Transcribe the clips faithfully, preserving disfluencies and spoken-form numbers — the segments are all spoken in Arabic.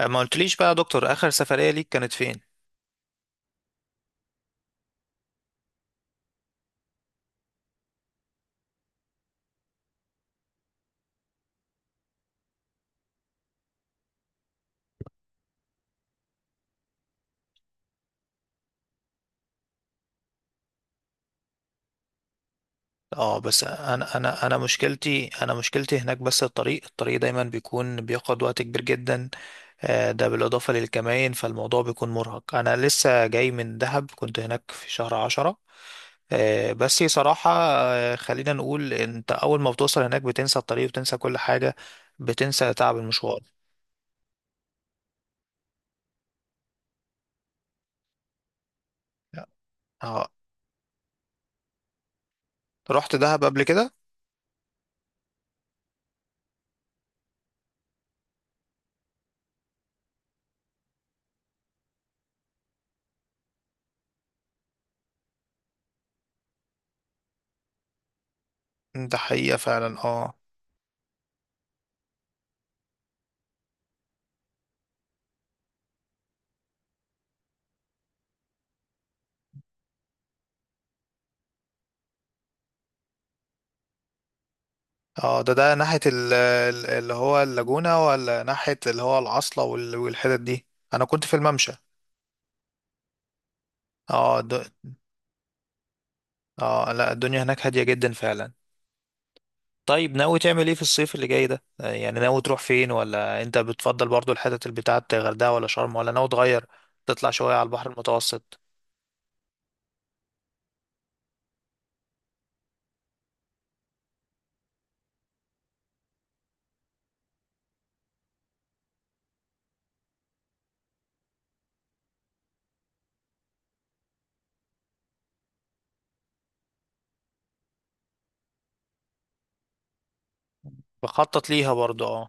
آه، ما قلتليش بقى يا دكتور اخر سفرية ليك كانت فين؟ اه بس انا انا انا مشكلتي، انا مشكلتي هناك بس الطريق الطريق دايما بيكون بياخد وقت كبير جدا. آه، ده بالاضافه للكمائن، فالموضوع بيكون مرهق. انا لسه جاي من دهب، كنت هناك في شهر عشرة. آه، بس صراحه آه، خلينا نقول انت اول ما بتوصل هناك بتنسى الطريق وبتنسى كل حاجه. بتنسى تعب المشوار. اه، رحت دهب قبل كده؟ ده حقيقه فعلا، اه. اه، ده ده ناحية ال- ال- اللي هو اللاجونة، ولا ناحية اللي هو العاصلة وال- والحتت دي؟ انا كنت في الممشى. اه د... اه لا، الدنيا هناك هادية جدا فعلا. طيب، ناوي تعمل ايه في الصيف اللي جاي ده؟ آه، يعني ناوي تروح فين، ولا انت بتفضل برضو الحتت اللي بتاعت غردقة ولا شرم، ولا ناوي تغير تطلع شوية على البحر المتوسط؟ بخطط ليها برضو، اه.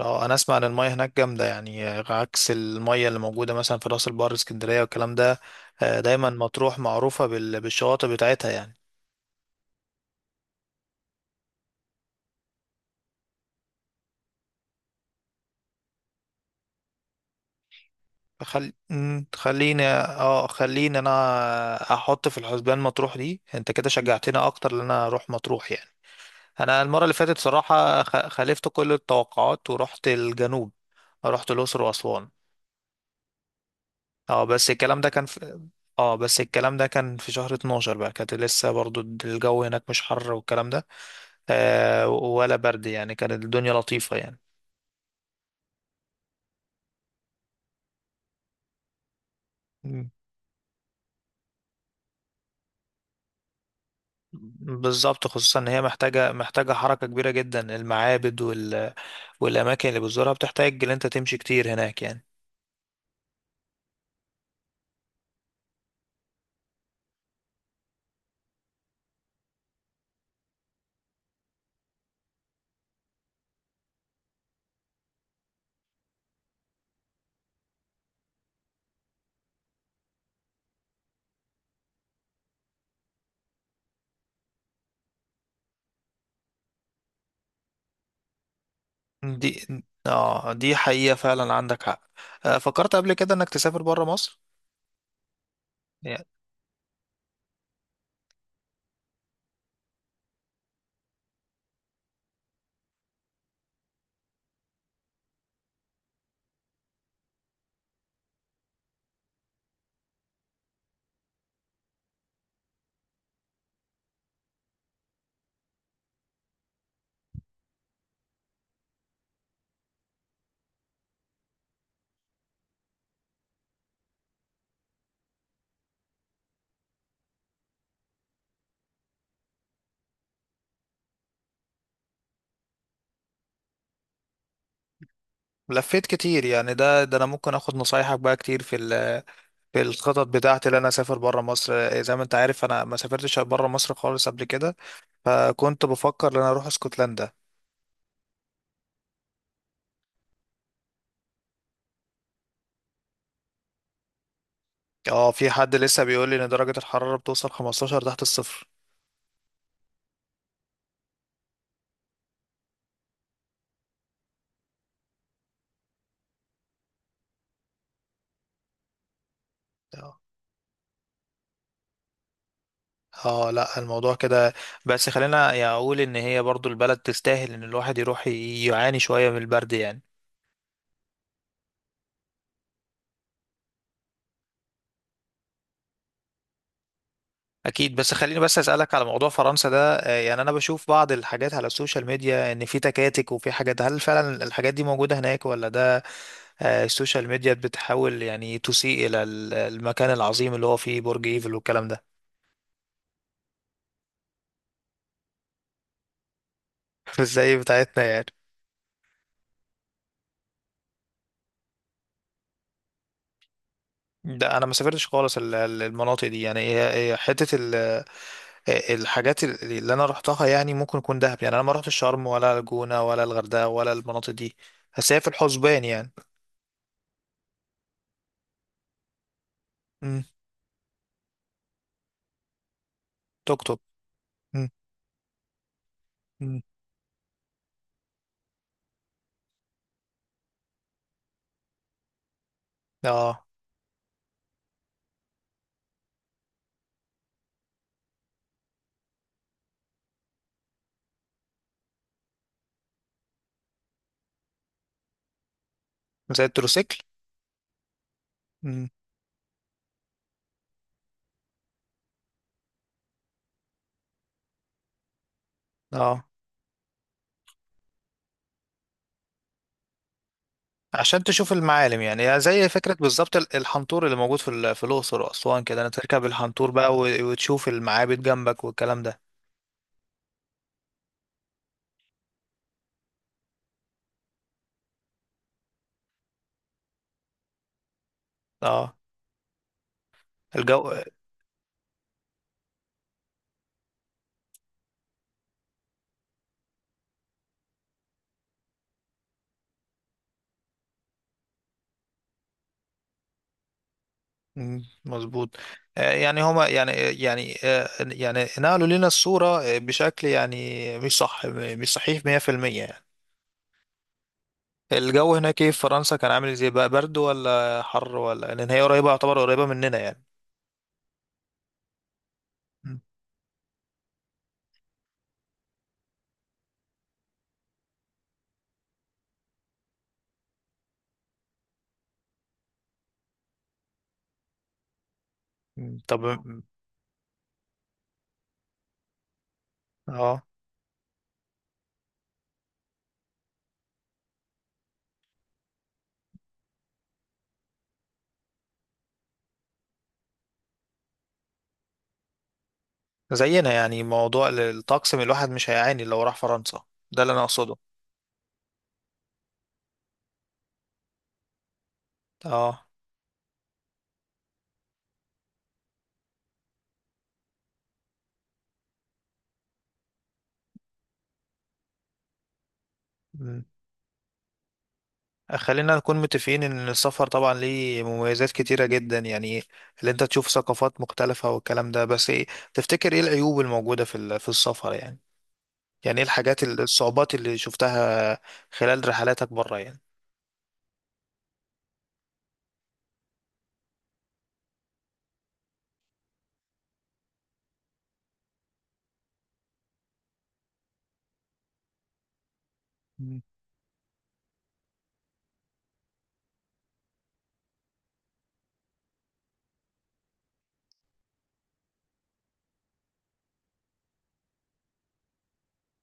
اه، انا اسمع ان المية هناك جامدة يعني، آه، عكس المية اللي موجودة مثلا في راس البر، اسكندرية، والكلام ده. آه، دايما مطروح معروفة بال- بالشواطئ بتاعتها يعني. خل... مم، خليني اه، خليني انا احط في الحسبان مطروح دي. انت كده شجعتني اكتر ان انا اروح مطروح يعني. انا المره اللي فاتت صراحه خ... خالفت كل التوقعات ورحت الجنوب. رحت الاقصر واسوان. اه بس الكلام ده كان في... اه بس الكلام ده كان في شهر اتناشر بقى، كانت لسه برضو الجو هناك مش حر والكلام ده. آه، ولا برد يعني، كانت الدنيا لطيفه يعني. مم. بالظبط، خصوصا ان هي محتاجه محتاجه حركه كبيره جدا. المعابد وال والأماكن اللي بتزورها بتحتاج إن أنت تمشي كتير هناك يعني. دي آه، دي حقيقة فعلا، عندك حق. آه، فكرت قبل كده إنك تسافر برا مصر؟ يعني لفيت كتير يعني. ده ده أنا ممكن آخد نصايحك بقى كتير في ال- في الخطط بتاعتي اللي أنا أسافر برا مصر. آه، زي ما أنت عارف أنا ما سافرتش برا مصر خالص قبل كده، فكنت بفكر إن أنا أروح اسكتلندا. اه، في حد لسه بيقول لي إن درجة الحرارة بتوصل خمستاشر تحت الصفر. آه. اه لا، الموضوع كده. بس خلينا يعني اقول ان هي برضو البلد تستاهل ان الواحد يروح ي- يعاني شوية من البرد يعني. اكيد. بس خليني بس اسالك على موضوع فرنسا ده. آه، يعني انا بشوف بعض الحاجات على السوشيال ميديا ان في تكاتك وفي حاجات. هل فعلا الحاجات دي موجودة هناك، ولا ده آه، السوشيال ميديا بتحاول يعني تسيء الى ال- المكان العظيم اللي هو فيه برج ايفل والكلام ده؟ ازاي بتاعتنا يعني؟ ده انا ما سافرتش خالص ال- ال- المناطق دي يعني. هي- هي حتة آه، الحاجات اللي اللي انا رحتها يعني ممكن يكون دهب يعني. انا ما رحتش شرم ولا الجونة ولا الغردقة ولا المناطق دي، بس هي في الحسبان يعني. امم. توك توك. امم. أمم. اه، زي التروسيكل. امم. اه، عشان تشوف المعالم يعني. يعني زي فكرة بالظبط ال- الحنطور اللي موجود في ال- في الأقصر وأسوان كده. أنا تركب الحنطور بقى و- وتشوف المعابد جنبك والكلام ده. اه. الجو مم، مظبوط. آه، يعني هما يعني آه، يعني آه، يعني نقلوا لنا الصورة آه، بشكل يعني مش صح مش صحيح مية في المية يعني. الجو هناك ايه في فرنسا كان عامل ازاي؟ بقى برد ولا حر، ولا لان هي قريبة، يعتبر قريبة مننا يعني؟ مم، مم، طب. مم، اه، زينا يعني. موضوع الطقس من الواحد مش هيعاني لو راح فرنسا، ده اللي انا اقصده. اه، خلينا نكون متفقين ان السفر طبعا ليه مميزات كتيرة جدا يعني، اللي انت تشوف ثقافات مختلفة والكلام ده. بس ايه تفتكر ايه العيوب الموجودة في ال- في السفر يعني؟ يعني ايه الحاجات ال- الصعوبات اللي شفتها خلال رحلاتك بره يعني؟ مم.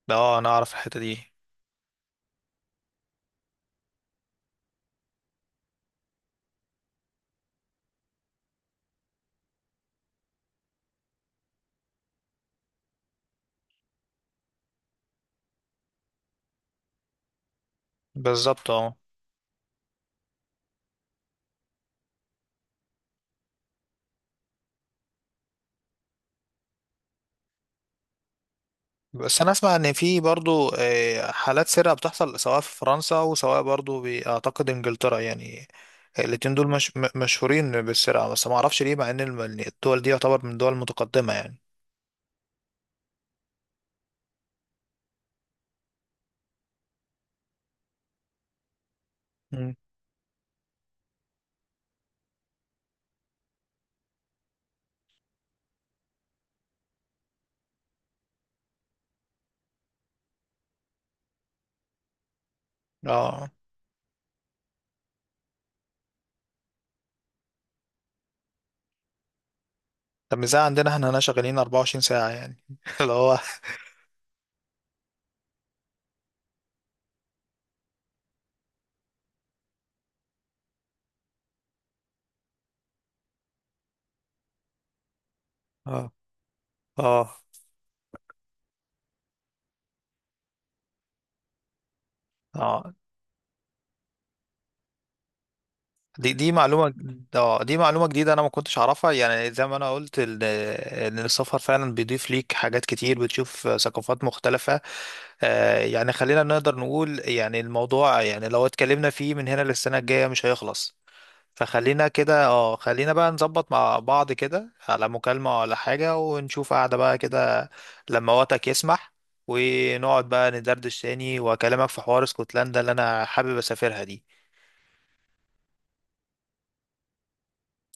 ده اه، انا اعرف الحتة دي بالظبط. اه، بس انا اسمع ان في برضو آه، حالات سرقة بتحصل، سواء في فرنسا وسواء برضو بأعتقد انجلترا يعني. الاتنين دول مش م- مشهورين بالسرقة، بس ما اعرفش ليه، مع ان الم- الدول دي يعتبر من دول متقدمة يعني. مم. اه، طب مش زي عندنا احنا هنا شغالين اربعة وعشرين ساعة يعني اللي هو اه اه اه. دي دي معلومة. اه، دي معلومة جديدة انا ما كنتش اعرفها يعني. زي ما انا قلت ال- ان السفر فعلا بيضيف ليك حاجات كتير، بتشوف ثقافات مختلفة. آه، يعني خلينا نقدر نقول يعني الموضوع، يعني لو اتكلمنا فيه من هنا للسنة الجاية مش هيخلص. فخلينا كده اه، خلينا بقى نظبط مع بعض كده على مكالمة ولا حاجة ونشوف قعدة بقى كده لما وقتك يسمح، ونقعد بقى ندردش تاني واكلمك في حوار اسكتلندا اللي انا حابب اسافرها دي.